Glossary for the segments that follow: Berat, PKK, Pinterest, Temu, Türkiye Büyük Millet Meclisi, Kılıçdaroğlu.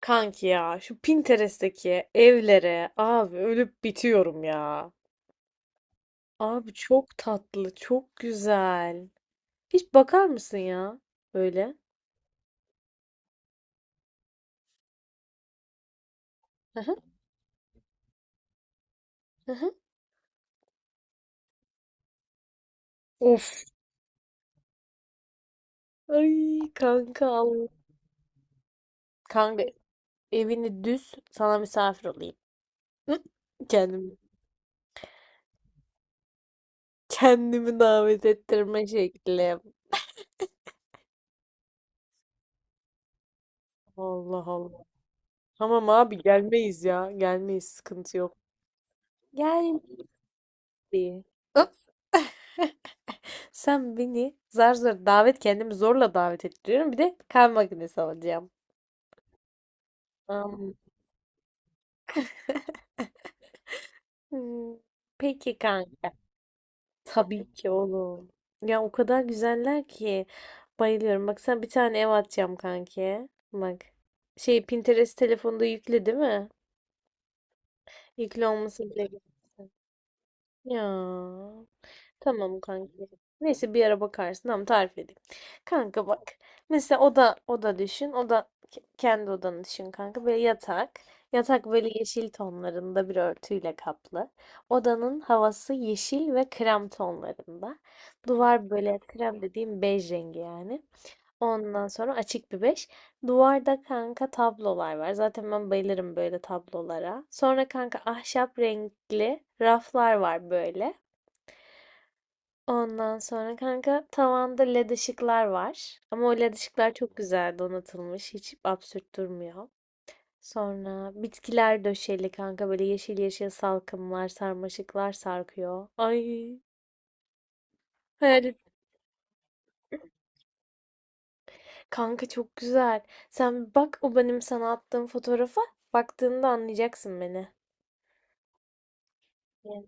Kanki ya şu Pinterest'teki evlere abi ölüp bitiyorum ya. Abi çok tatlı, çok güzel. Hiç bakar mısın ya böyle? Hı hı, hı hı. Of. Ay kanka al. Kanka evini düz sana misafir olayım. Hı? Kendimi, kendimi davet ettirme şekli. Allah Allah. Tamam abi gelmeyiz ya. Gelmeyiz sıkıntı yok. Gel. Sen beni zar zor davet kendimi zorla davet ettiriyorum. Bir de kahve makinesi alacağım. Am, hmm, Peki kanka. Tabii ki oğlum. Ya o kadar güzeller ki bayılıyorum. Bak sen bir tane ev atacağım kanki. Bak. Şey Pinterest telefonda yükle değil mi? Yükle olması bile güzel. Ya. Tamam kanka. Neyse bir ara bakarsın. Tamam tarif edeyim. Kanka bak. Mesela oda oda düşün. Kendi odanı düşün kanka. Böyle yatak. Yatak böyle yeşil tonlarında bir örtüyle kaplı. Odanın havası yeşil ve krem tonlarında. Duvar böyle krem dediğim bej rengi yani. Ondan sonra açık bir beş. Duvarda kanka tablolar var. Zaten ben bayılırım böyle tablolara. Sonra kanka ahşap renkli raflar var böyle. Ondan sonra kanka tavanda led ışıklar var. Ama o led ışıklar çok güzel donatılmış. Hiç absürt durmuyor. Sonra bitkiler döşeli kanka böyle yeşil yeşil salkımlar, sarmaşıklar sarkıyor. Ay hayal et. Kanka çok güzel. Sen bir bak o benim sana attığım fotoğrafa baktığında anlayacaksın beni. Evet.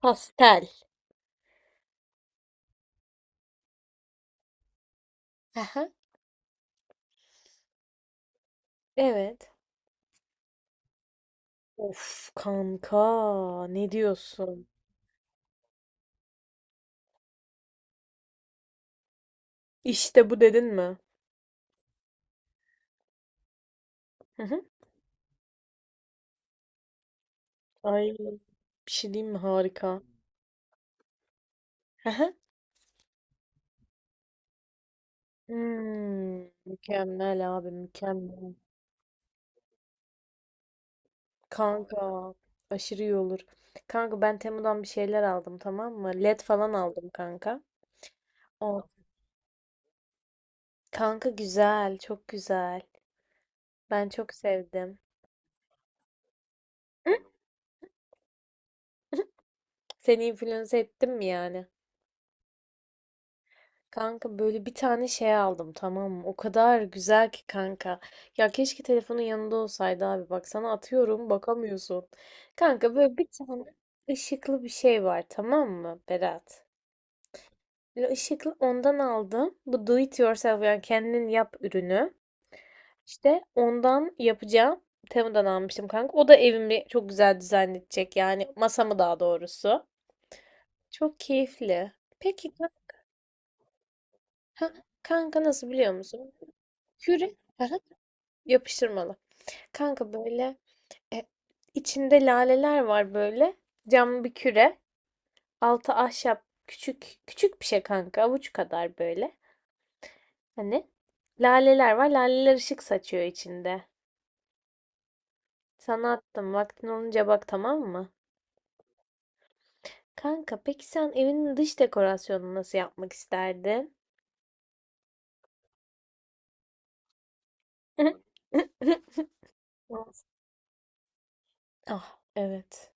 Pastel. Aha. Evet. Of kanka ne diyorsun? İşte bu dedin mi? Hı hı. Ay bir şey diyeyim mi? Harika. Aha. Hmm, mükemmel abi mükemmel. Kanka aşırı iyi olur. Kanka ben Temu'dan bir şeyler aldım tamam mı? LED falan aldım kanka. O kanka güzel çok güzel. Ben çok sevdim. Hı? Seni influence ettim mi yani? Kanka böyle bir tane şey aldım tamam mı? O kadar güzel ki kanka. Ya keşke telefonun yanında olsaydı abi. Bak sana atıyorum bakamıyorsun. Kanka böyle bir tane ışıklı bir şey var tamam mı Berat? Böyle ışıklı ondan aldım. Bu do it yourself yani kendin yap ürünü. İşte ondan yapacağım. Temu'dan almıştım kanka. O da evimi çok güzel dizayn edecek. Yani masamı daha doğrusu. Çok keyifli. Peki kan- ha, kanka nasıl biliyor musun? Küre aha, yapıştırmalı. Kanka böyle e, içinde laleler var böyle. Cam bir küre. Altı ahşap. Küçük küçük bir şey kanka. Avuç kadar böyle. Hani laleler var. Laleler ışık saçıyor içinde. Sana attım. Vaktin olunca bak tamam mı? Kanka peki sen evinin dış dekorasyonunu nasıl yapmak isterdin? Ah evet.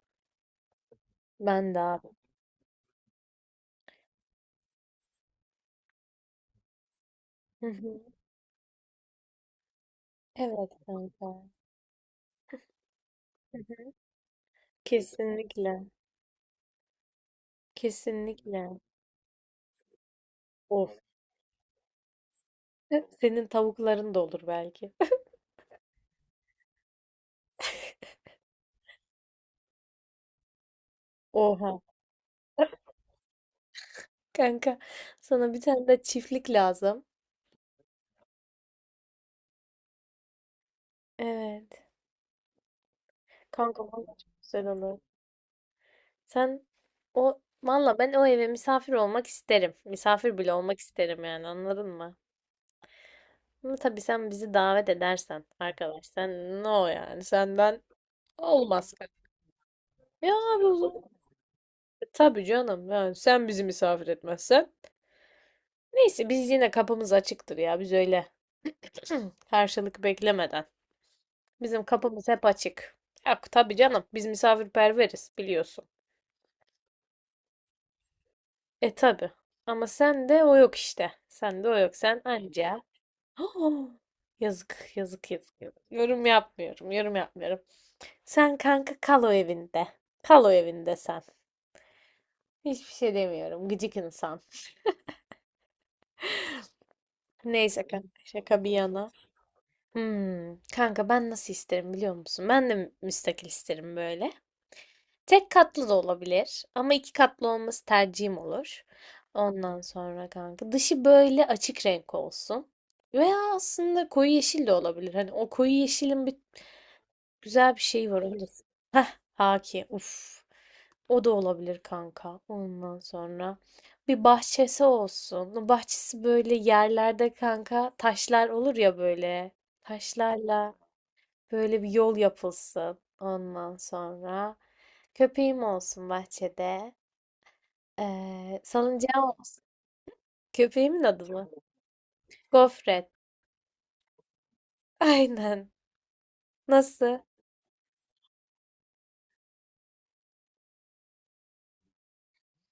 Ben de abi. Hı hı. Evet kanka. Hı hı. Kesinlikle. Kesinlikle. Of. Senin tavukların da olur belki. Oha. Kanka sana bir tane de çiftlik lazım. Evet. Kanka valla çok güzel olur. Sen o valla ben o eve misafir olmak isterim. Misafir bile olmak isterim yani anladın mı? Ama tabii sen bizi davet edersen arkadaş sen no yani senden olmaz. Ya abi o zaman- tabii canım yani sen bizi misafir etmezsen. Neyse biz yine kapımız açıktır ya biz öyle. Karşılık beklemeden. Bizim kapımız hep açık. Yok tabii canım. Biz misafirperveriz biliyorsun. E tabii. Ama sen de o yok işte. Sen de o yok. Sen anca. Yazık, yazık, yazık, yazık. Yorum yapmıyorum, yorum yapmıyorum. Sen kanka kal o evinde. Kal o evinde sen. Hiçbir şey demiyorum. Gıcık insan. Neyse kanka şaka bir yana. Kanka ben nasıl isterim biliyor musun? Ben de müstakil isterim böyle. Tek katlı da olabilir ama iki katlı olması tercihim olur. Ondan sonra kanka dışı böyle açık renk olsun. Veya aslında koyu yeşil de olabilir. Hani o koyu yeşilin bir güzel bir şeyi var. Onu da... Heh, haki. Uf. O da olabilir kanka. Ondan sonra bir bahçesi olsun. O bahçesi böyle yerlerde kanka taşlar olur ya böyle. Taşlarla böyle bir yol yapılsın ondan sonra. Köpeğim olsun bahçede. Salıncağım olsun. Köpeğimin adı mı? Gofret. Aynen. Nasıl?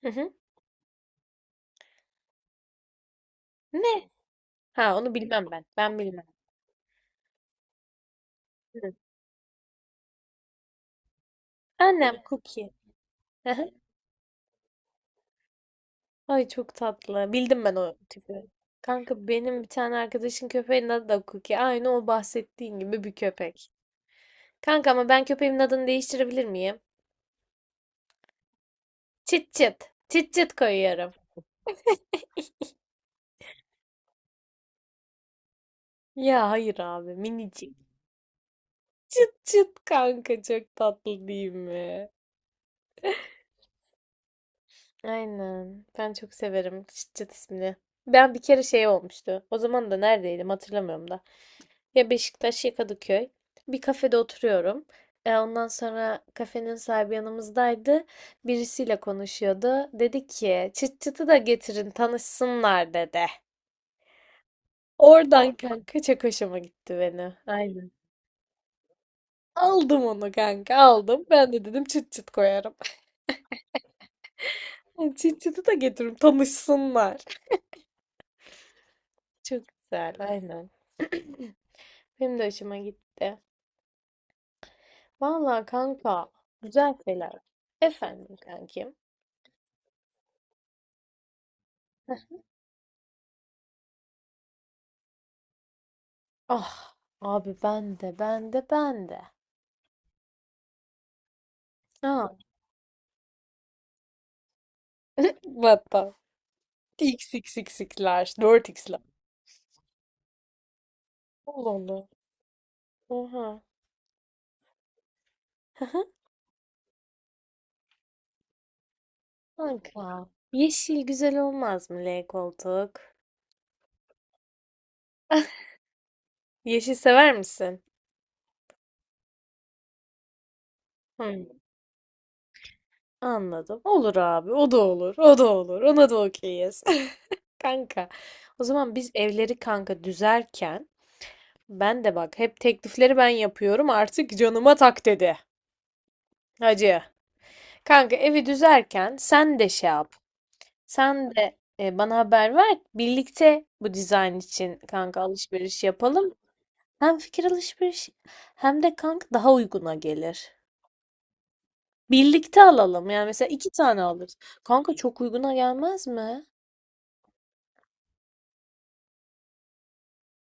Hı hı. Ne? Ha onu bilmem ben. Ben bilmem. Hı. Annem Cookie. Hı hı. Ay çok tatlı. Bildim ben o tipi. Kanka benim bir tane arkadaşın köpeğinin adı da Cookie. Aynı o bahsettiğin gibi bir köpek. Kanka ama ben köpeğimin adını değiştirebilir miyim? Çıt çıt. Çıt çıt koyuyorum. Ya hayır abi minicik. Çıt çıt kanka çok tatlı değil mi? Aynen. Ben çok severim çıt çıt ismini. Ben bir kere şey olmuştu. O zaman da neredeydim hatırlamıyorum da. Ya Beşiktaş ya Kadıköy. Bir kafede oturuyorum. Ondan sonra kafenin sahibi yanımızdaydı. Birisiyle konuşuyordu. Dedi ki çıt çıtı da getirin tanışsınlar dedi. Oradan kanka çok hoşuma gitti beni. Aynen. Aldım onu kanka aldım. Ben de dedim çıt çıt koyarım. Yani Cicit'i de getirip tanışsınlar. Çok güzel, aynen. Benim de hoşuma gitti. Vallahi kanka, güzel şeyler. Efendim kankim. Ah, abi ben de, ben de, ben de. Ha, hatta XXX'ler, 4X'ler. Allah Allah. Oha. Kanka, yeşil güzel olmaz mı L koltuk? Yeşil sever misin? Hı, anladım. Olur abi, o da olur, o da olur. Ona da okeyiz. Kanka, o zaman biz evleri kanka düzerken ben de bak hep teklifleri ben yapıyorum artık canıma tak dedi. Hacı. Kanka evi düzerken sen de şey yap. Sen de bana haber ver. Birlikte bu dizayn için kanka alışveriş yapalım. Hem fikir alışveriş hem de kanka daha uyguna gelir. Birlikte alalım. Yani mesela iki tane alırız. Kanka çok uyguna gelmez mi?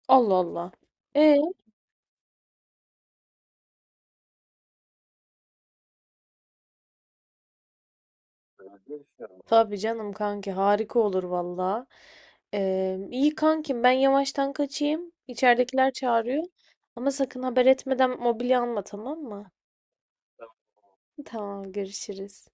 Allah Allah. E Tabii canım kanki harika olur valla. İyi kankim ben yavaştan kaçayım. İçeridekiler çağırıyor. Ama sakın haber etmeden mobilya alma tamam mı? Tamam görüşürüz.